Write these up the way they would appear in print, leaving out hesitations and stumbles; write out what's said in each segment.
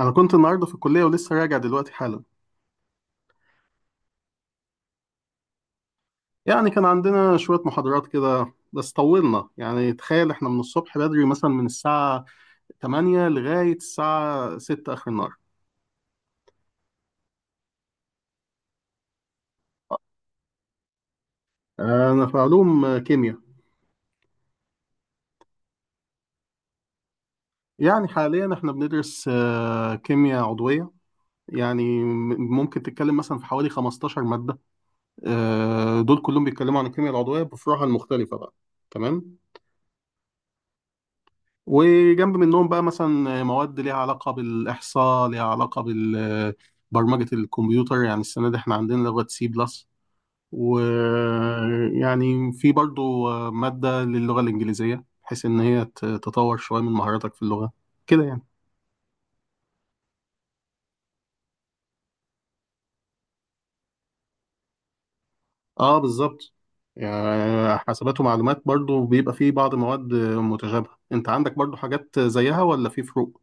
أنا كنت النهاردة في الكلية ولسه راجع دلوقتي حالا. يعني كان عندنا شوية محاضرات كده، بس طولنا. يعني تخيل، إحنا من الصبح بدري مثلا من الساعة 8 لغاية الساعة 6 آخر النهار. أنا في علوم كيمياء. يعني حاليا إحنا بندرس كيمياء عضوية. يعني ممكن تتكلم مثلا في حوالي 15 مادة. دول كلهم بيتكلموا عن الكيمياء العضوية بفروعها المختلفة بقى. تمام. وجنب منهم بقى مثلا مواد ليها علاقة بالإحصاء، ليها علاقة ببرمجة الكمبيوتر. يعني السنة دي احنا عندنا لغة سي بلس. ويعني في برضو مادة للغة الإنجليزية بحيث إن هي تطور شوية من مهاراتك في اللغة، كده يعني. اه، بالظبط. يعني حاسبات ومعلومات برضو بيبقى فيه بعض مواد متشابهة. انت عندك برضو حاجات زيها ولا في فروق؟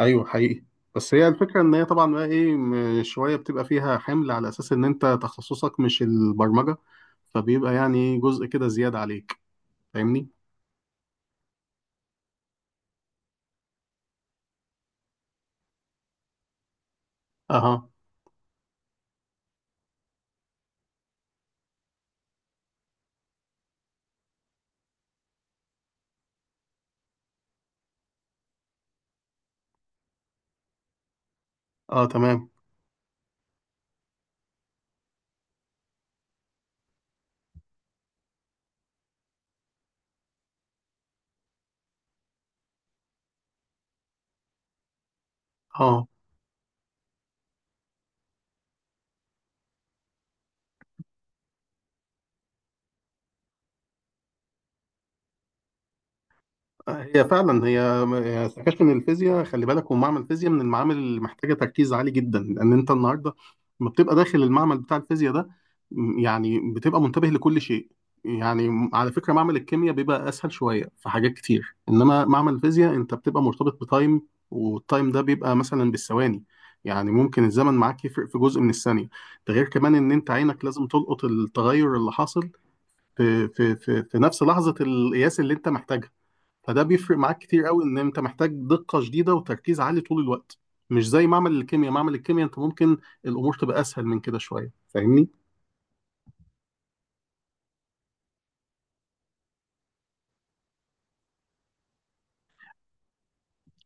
ايوه، حقيقي. بس هي الفكره ان هي طبعا بقى ايه شويه بتبقى فيها حمل على اساس ان انت تخصصك مش البرمجه، فبيبقى يعني جزء كده زياده عليك، فاهمني. اها. اه، تمام. اه، هي فعلا. هي استكشف ان الفيزياء، خلي بالك، هو معمل الفيزياء من المعامل اللي محتاجه تركيز عالي جدا، لان انت النهارده لما بتبقى داخل المعمل بتاع الفيزياء ده يعني بتبقى منتبه لكل شيء. يعني على فكره معمل الكيمياء بيبقى اسهل شويه في حاجات كتير، انما معمل الفيزياء انت بتبقى مرتبط بتايم، والتايم ده بيبقى مثلا بالثواني. يعني ممكن الزمن معاك يفرق في جزء من الثانيه. ده غير كمان ان انت عينك لازم تلقط التغير اللي حاصل في نفس لحظه القياس اللي انت محتاجها. فده بيفرق معاك كتير قوي، ان انت محتاج دقة شديدة وتركيز عالي طول الوقت، مش زي معمل الكيمياء. معمل الكيمياء انت ممكن الامور تبقى اسهل من كده شوية، فاهمني.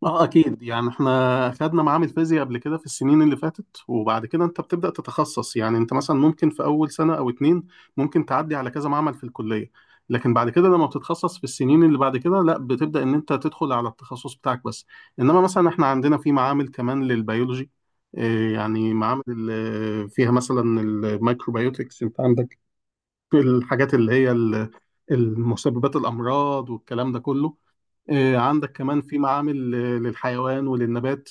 اه، اكيد. يعني احنا خدنا معامل فيزياء قبل كده في السنين اللي فاتت، وبعد كده انت بتبدأ تتخصص. يعني انت مثلا ممكن في اول سنة او اتنين ممكن تعدي على كذا معمل في الكلية، لكن بعد كده لما بتتخصص في السنين اللي بعد كده لا، بتبدأ ان انت تدخل على التخصص بتاعك بس. انما مثلا احنا عندنا في معامل كمان للبيولوجي. يعني معامل فيها مثلا الميكروبيوتكس. انت عندك الحاجات اللي هي المسببات الامراض والكلام ده كله. عندك كمان في معامل للحيوان وللنبات،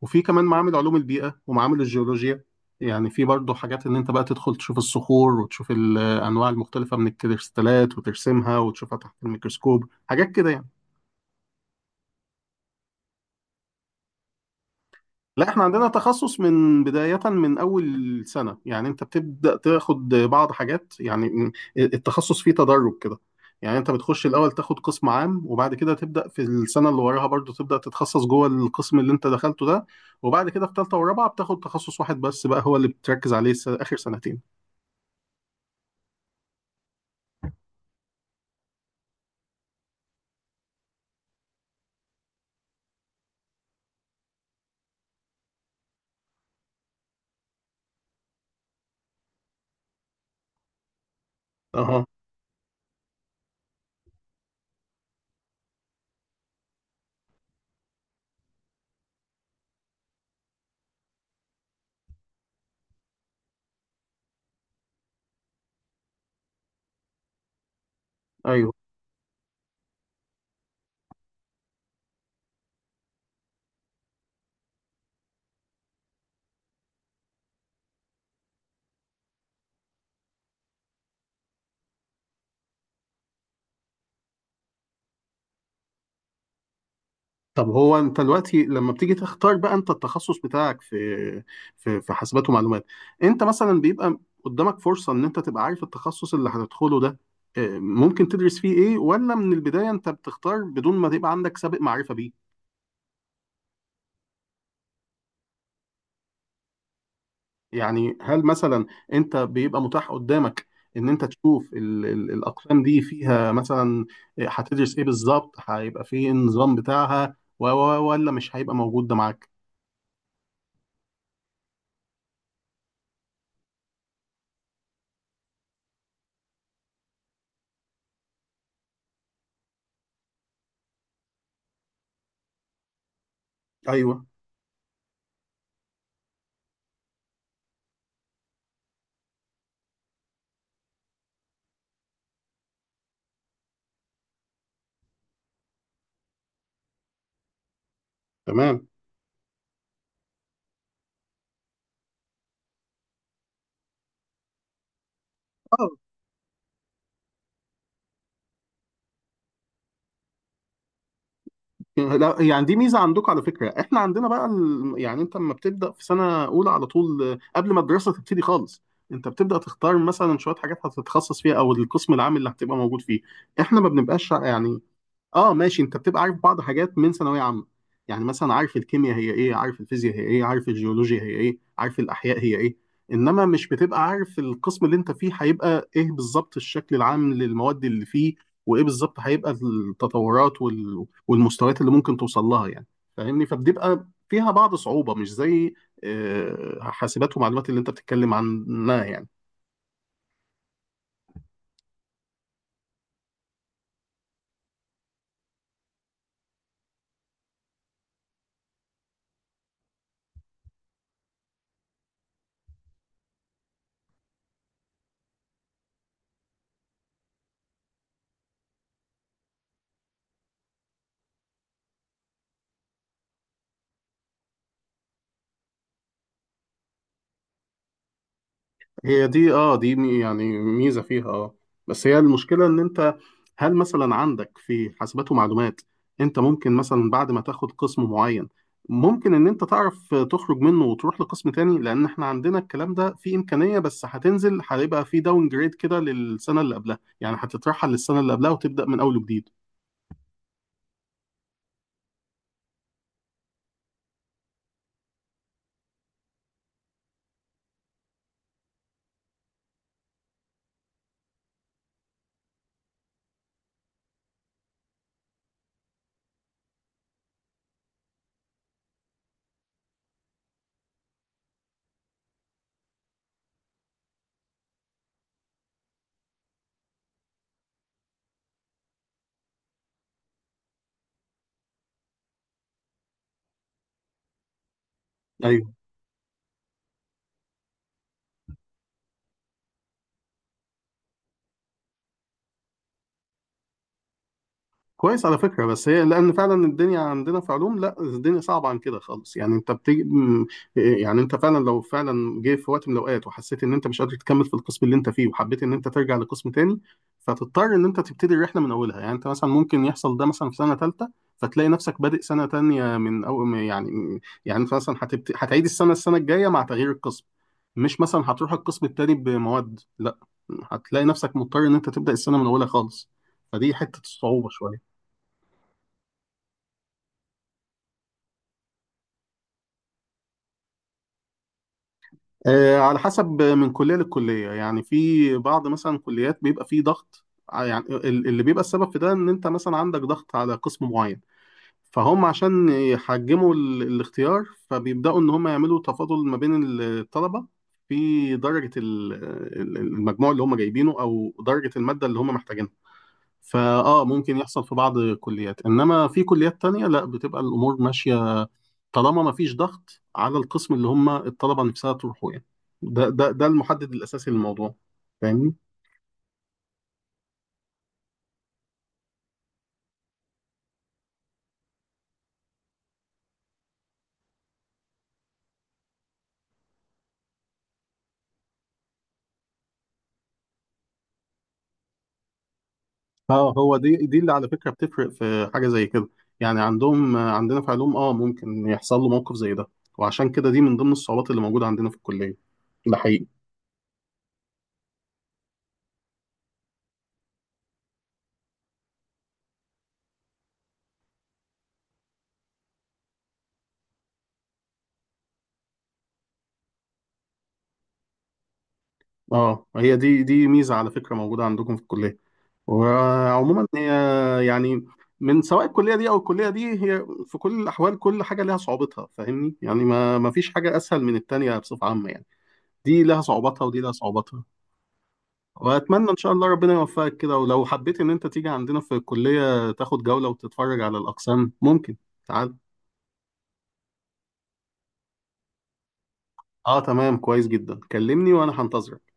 وفي كمان معامل علوم البيئة ومعامل الجيولوجيا. يعني في برضه حاجات ان انت بقى تدخل تشوف الصخور وتشوف الانواع المختلفة من الكريستالات وترسمها وتشوفها تحت الميكروسكوب، حاجات كده يعني. لا، احنا عندنا تخصص من بداية من أول سنة. يعني أنت بتبدأ تاخد بعض حاجات. يعني التخصص فيه تدرج كده. يعني أنت بتخش الأول تاخد قسم عام، وبعد كده تبدأ في السنة اللي وراها برضو تبدأ تتخصص جوه القسم اللي أنت دخلته ده، وبعد كده في تالتة ورابعة بتاخد تخصص واحد بس بقى هو اللي بتركز عليه آخر سنتين. أها. أيوه. طب هو انت دلوقتي لما بتيجي تختار بقى انت التخصص بتاعك في حاسبات ومعلومات، انت مثلا بيبقى قدامك فرصة ان انت تبقى عارف التخصص اللي هتدخله ده اه، ممكن تدرس فيه ايه، ولا من البداية انت بتختار بدون ما تبقى عندك سابق معرفة بيه؟ يعني هل مثلا انت بيبقى متاح قدامك ان انت تشوف ال الاقسام دي فيها مثلا اه، هتدرس ايه بالظبط، هيبقى فيه إيه النظام بتاعها، ولا مش هيبقى موجود ده معاك؟ ايوه، تمام. لا يعني دي ميزه عندكم على فكره. احنا عندنا بقى يعني انت لما بتبدا في سنه اولى على طول قبل ما الدراسه تبتدي خالص انت بتبدا تختار مثلا شويه حاجات هتتخصص فيها، او القسم العام اللي هتبقى موجود فيه. احنا ما بنبقاش يعني، اه ماشي، انت بتبقى عارف بعض حاجات من ثانويه عامه. يعني مثلا عارف الكيمياء هي ايه، عارف الفيزياء هي ايه، عارف الجيولوجيا هي ايه، عارف الاحياء هي ايه، انما مش بتبقى عارف القسم اللي انت فيه هيبقى ايه بالظبط، الشكل العام للمواد اللي فيه، وايه بالظبط هيبقى التطورات والمستويات اللي ممكن توصل لها يعني، فاهمني. فبتبقى فيها بعض صعوبه، مش زي حاسبات ومعلومات اللي انت بتتكلم عنها يعني. هي دي، دي يعني ميزة فيها بس هي المشكلة ان انت هل مثلا عندك في حاسبات ومعلومات انت ممكن مثلا بعد ما تاخد قسم معين، ممكن ان انت تعرف تخرج منه وتروح لقسم تاني؟ لان احنا عندنا الكلام ده في امكانية، بس هتنزل، هيبقى في داون جريد كده للسنة اللي قبلها. يعني هتترحل للسنة اللي قبلها وتبدأ من اول وجديد. كويس على فكرة. بس هي لأن فعلا الدنيا عندنا في علوم لا، الدنيا صعبة عن كده خالص. يعني أنت بتيجي يعني أنت فعلا لو فعلا جه في وقت من الأوقات وحسيت إن أنت مش قادر تكمل في القسم اللي أنت فيه وحبيت إن أنت ترجع لقسم تاني، فتضطر إن أنت تبتدي الرحلة من أولها. يعني أنت مثلا ممكن يحصل ده مثلا في سنة تالتة، فتلاقي نفسك بادئ سنة تانية من يعني، يعني أنت مثلا هتعيد السنة الجاية مع تغيير القسم. مش مثلا هتروح القسم التاني بمواد، لا، هتلاقي نفسك مضطر إن أنت تبدأ السنة من أولها خالص. فدي حتة الصعوبة شوية. على حسب من كلية للكلية. يعني في بعض مثلا كليات بيبقى فيه ضغط. يعني اللي بيبقى السبب في ده ان انت مثلا عندك ضغط على قسم معين، فهم عشان يحجموا الاختيار، فبيبدأوا ان هم يعملوا تفاضل ما بين الطلبة في درجة المجموع اللي هم جايبينه او درجة المادة اللي هم محتاجينها. فاه ممكن يحصل في بعض الكليات، انما في كليات تانية لا، بتبقى الامور ماشية طالما ما فيش ضغط على القسم اللي هم الطلبه نفسها تروحوا يعني. ده المحدد الاساسي للموضوع، فاهمني. اه، هو دي اللي على فكره بتفرق في حاجه زي كده. يعني عندنا في علوم ممكن يحصل له موقف زي ده، وعشان كده دي من ضمن الصعوبات اللي موجوده عندنا في الكليه. ده حقيقي. اه، هي دي ميزه على فكره موجوده عندكم في الكليه. وعموما هي يعني من سواء الكليه دي او الكليه دي، هي في كل الاحوال كل حاجه ليها صعوبتها، فاهمني. يعني ما فيش حاجه اسهل من التانيه بصفه عامه يعني. دي لها صعوباتها ودي لها صعوباتها. واتمنى ان شاء الله ربنا يوفقك كده. ولو حبيت ان انت تيجي عندنا في الكلية تاخد جولة وتتفرج على الاقسام، ممكن تعال. اه، تمام، كويس جدا. كلمني وانا هنتظرك.